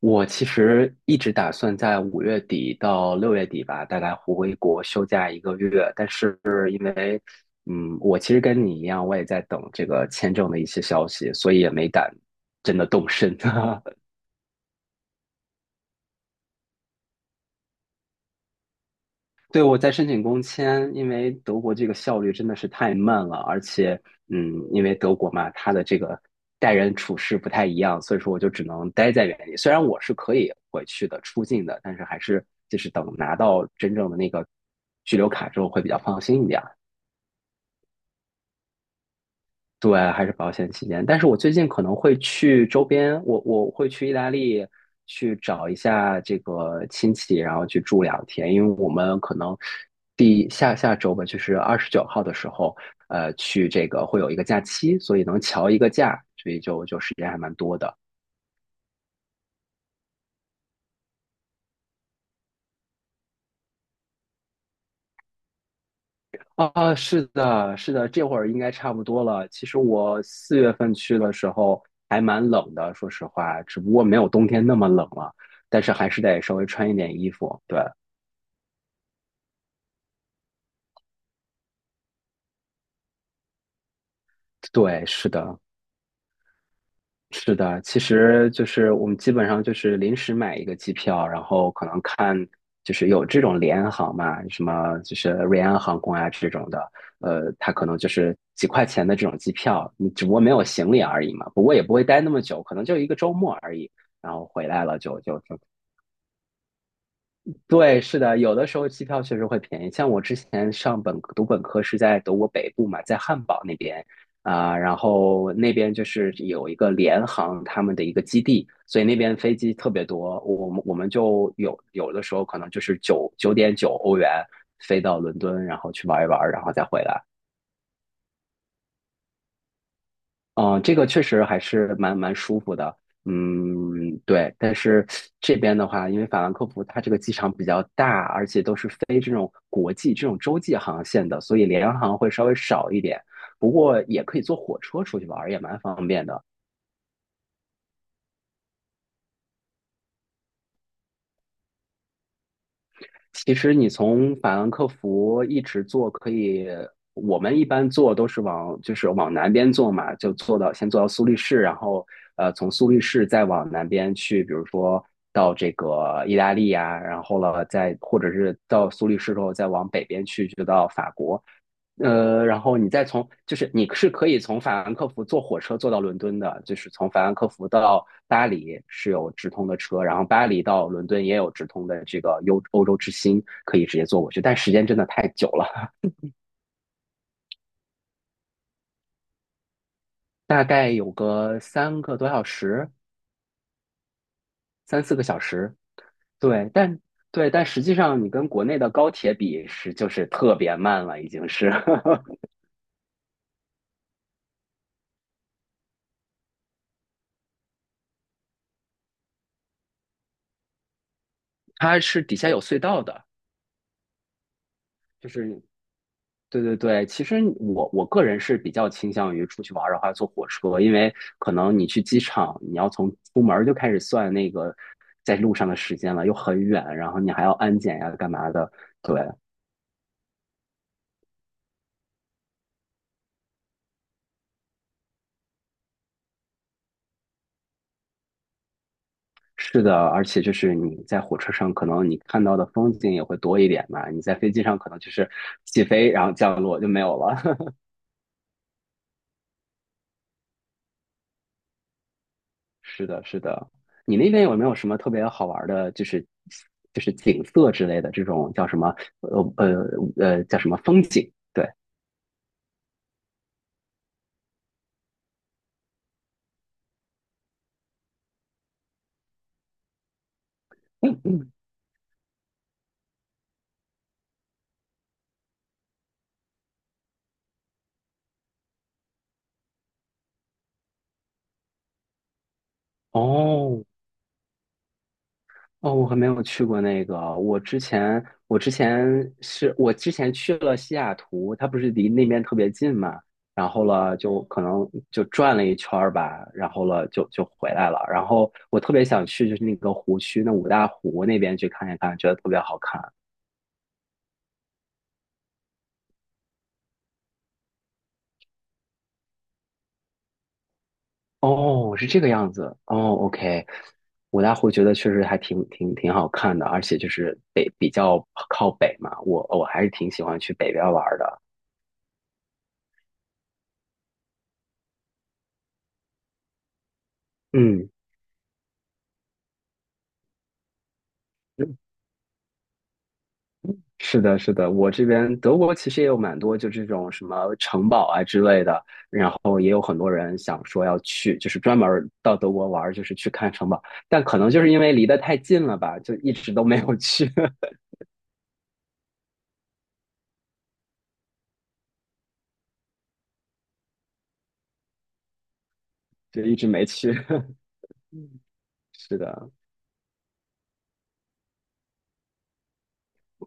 我其实一直打算在5月底到6月底吧，大概回国休假1个月。但是因为，我其实跟你一样，我也在等这个签证的一些消息，所以也没敢真的动身。对，我在申请工签，因为德国这个效率真的是太慢了，而且，因为德国嘛，它的这个待人处事不太一样，所以说我就只能待在原地。虽然我是可以回去的、出境的，但是还是就是等拿到真正的那个居留卡之后会比较放心一点。对，还是保险起见。但是我最近可能会去周边，我会去意大利去找一下这个亲戚，然后去住2天，因为我们可能下下周吧，就是29号的时候，去这个会有一个假期，所以能调一个假，所以就时间还蛮多的。啊，哦是的，是的，这会儿应该差不多了。其实我4月份去的时候还蛮冷的，说实话，只不过没有冬天那么冷了，但是还是得稍微穿一点衣服。对。对，是的，是的。其实就是我们基本上就是临时买一个机票，然后可能看就是有这种联航嘛，什么就是瑞安航空啊这种的，它可能就是几块钱的这种机票，你只不过没有行李而已嘛。不过也不会待那么久，可能就一个周末而已，然后回来了就对，是的，有的时候机票确实会便宜。像我之前读本科是在德国北部嘛，在汉堡那边啊、然后那边就是有一个联航他们的一个基地，所以那边飞机特别多。我们就有的时候可能就是九点九欧元飞到伦敦，然后去玩一玩，然后再回来。嗯，这个确实还是蛮舒服的。嗯，对。但是这边的话，因为法兰克福它这个机场比较大，而且都是飞这种国际、这种洲际航线的，所以联航会稍微少一点。不过也可以坐火车出去玩儿，也蛮方便的。其实你从法兰克福一直坐，可以，我们一般坐都是往就是往南边坐嘛，就坐到先坐到苏黎世，然后从苏黎世再往南边去，比如说到这个意大利呀，然后了再或者是到苏黎世之后再往北边去，就到法国。然后你再从，就是你是可以从法兰克福坐火车坐到伦敦的，就是从法兰克福到巴黎是有直通的车，然后巴黎到伦敦也有直通的这个欧洲之星，可以直接坐过去，但时间真的太久了，大概有个3个多小时，3、4个小时，对，但对，但实际上你跟国内的高铁比是就是特别慢了，已经是，它是底下有隧道的。就是对对对，其实我个人是比较倾向于出去玩儿的话坐火车，因为可能你去机场，你要从出门儿就开始算那个在路上的时间了，又很远，然后你还要安检呀，干嘛的？对，是的，而且就是你在火车上，可能你看到的风景也会多一点嘛，你在飞机上可能就是起飞然后降落就没有了。是的，是的。你那边有没有什么特别好玩儿的，就是就是景色之类的这种叫什么？呃呃叫什么风景？对，哦哦，我还没有去过那个。我之前去了西雅图，它不是离那边特别近嘛，然后了就可能就转了一圈儿吧，然后了就回来了。然后我特别想去就是那个湖区，那五大湖那边去看一看，觉得特别好看。哦，是这个样子。哦，OK,我大湖觉得确实还挺好看的，而且就是北比较靠北嘛，我还是挺喜欢去北边玩儿的。嗯，是的，是的，我这边德国其实也有蛮多就这种什么城堡啊之类的，然后也有很多人想说要去，就是专门儿到德国玩儿就是去看城堡，但可能就是因为离得太近了吧，就一直都没有去，就一直没去。是的，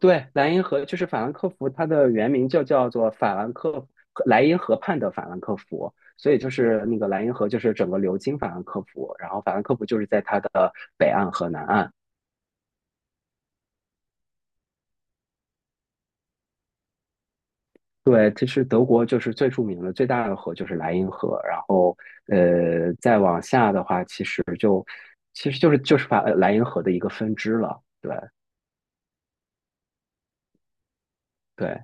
对，莱茵河就是法兰克福，它的原名就叫做法兰克莱茵河畔的法兰克福，所以就是那个莱茵河就是整个流经法兰克福，然后法兰克福就是在它的北岸和南岸。对，其实德国就是最著名的最大的河就是莱茵河，然后再往下的话，其实就是莱茵河的一个分支了。对对，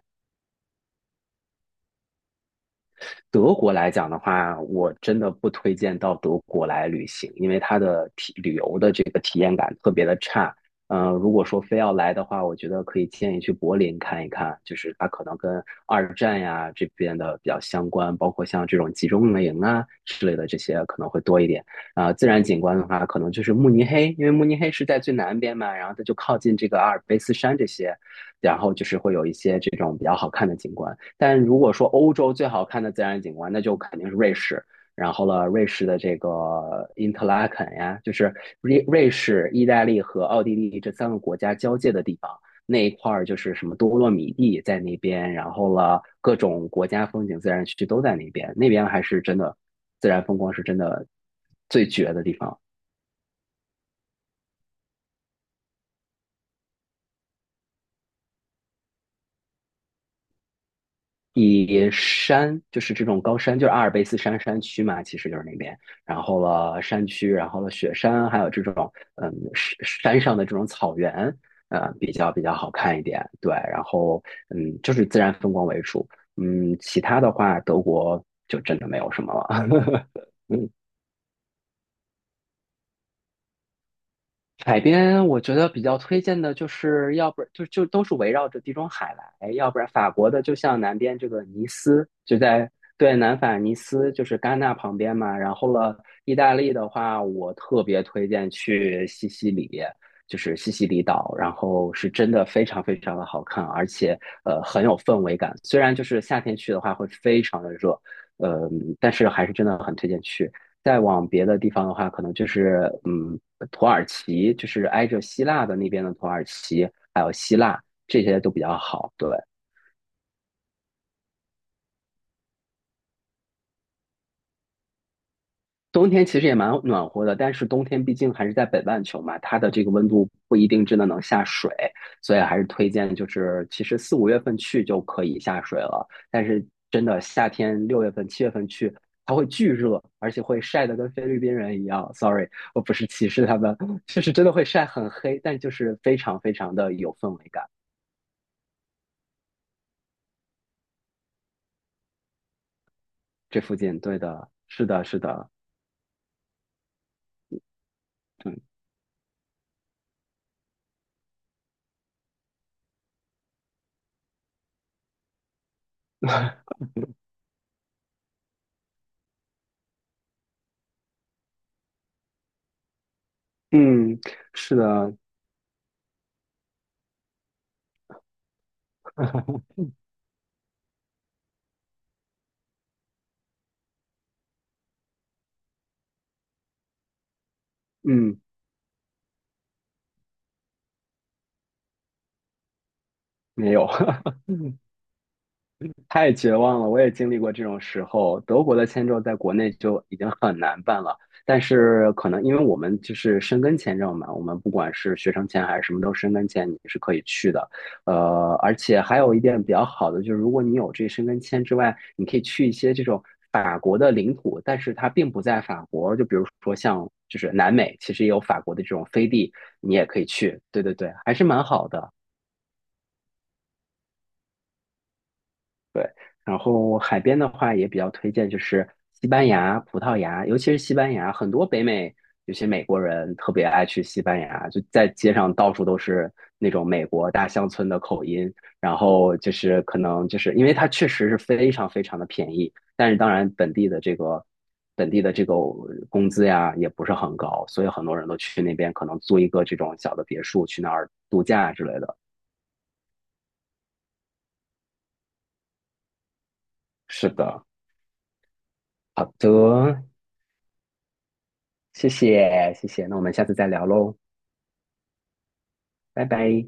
德国来讲的话，我真的不推荐到德国来旅行，因为它的旅游的这个体验感特别的差。如果说非要来的话，我觉得可以建议去柏林看一看，就是它可能跟二战呀这边的比较相关，包括像这种集中营啊之类的这些可能会多一点。啊、自然景观的话，可能就是慕尼黑，因为慕尼黑是在最南边嘛，然后它就靠近这个阿尔卑斯山这些，然后就是会有一些这种比较好看的景观。但如果说欧洲最好看的自然景观，那就肯定是瑞士。然后了，瑞士的这个因特拉肯呀，就是瑞士、意大利和奥地利这3个国家交界的地方，那一块儿就是什么多洛米蒂在那边，然后了各种国家风景自然区都在那边，那边还是真的自然风光是真的最绝的地方。以山就是这种高山，就是阿尔卑斯山山区嘛，其实就是那边。然后了山区，然后了雪山，还有这种山上的这种草原，比较好看一点。对，然后嗯，就是自然风光为主。嗯，其他的话，德国就真的没有什么了。海边我觉得比较推荐的就是，要不就都是围绕着地中海来，哎要不然法国的就像南边这个尼斯，就在对南法尼斯，就是戛纳旁边嘛。然后了，意大利的话，我特别推荐去西西里，就是西西里岛，然后是真的非常非常的好看，而且很有氛围感。虽然就是夏天去的话会非常的热，呃，但是还是真的很推荐去。再往别的地方的话，可能就是土耳其，就是挨着希腊的那边的土耳其，还有希腊，这些都比较好。对，冬天其实也蛮暖和的，但是冬天毕竟还是在北半球嘛，它的这个温度不一定真的能下水，所以还是推荐就是其实4、5月份去就可以下水了。但是真的夏天6月份、7月份去，它会巨热，而且会晒得跟菲律宾人一样。Sorry,我不是歧视他们，就是真的会晒很黑，但就是非常非常的有氛围感。这附近，对的，是的，是的，嗯嗯，是的，嗯，没有。太绝望了，我也经历过这种时候。德国的签证在国内就已经很难办了，但是可能因为我们就是申根签证嘛，我们不管是学生签还是什么都申根签，你是可以去的。而且还有一点比较好的就是，如果你有这申根签之外，你可以去一些这种法国的领土，但是它并不在法国。就比如说像就是南美，其实也有法国的这种飞地，你也可以去。对对对，还是蛮好的。对，然后海边的话也比较推荐，就是西班牙、葡萄牙，尤其是西班牙，很多北美有些美国人特别爱去西班牙，就在街上到处都是那种美国大乡村的口音，然后就是可能就是因为它确实是非常非常的便宜，但是当然本地的这个本地的这个工资呀也不是很高，所以很多人都去那边可能租一个这种小的别墅去那儿度假之类的。是的，好的，谢谢，谢谢，那我们下次再聊喽，拜拜。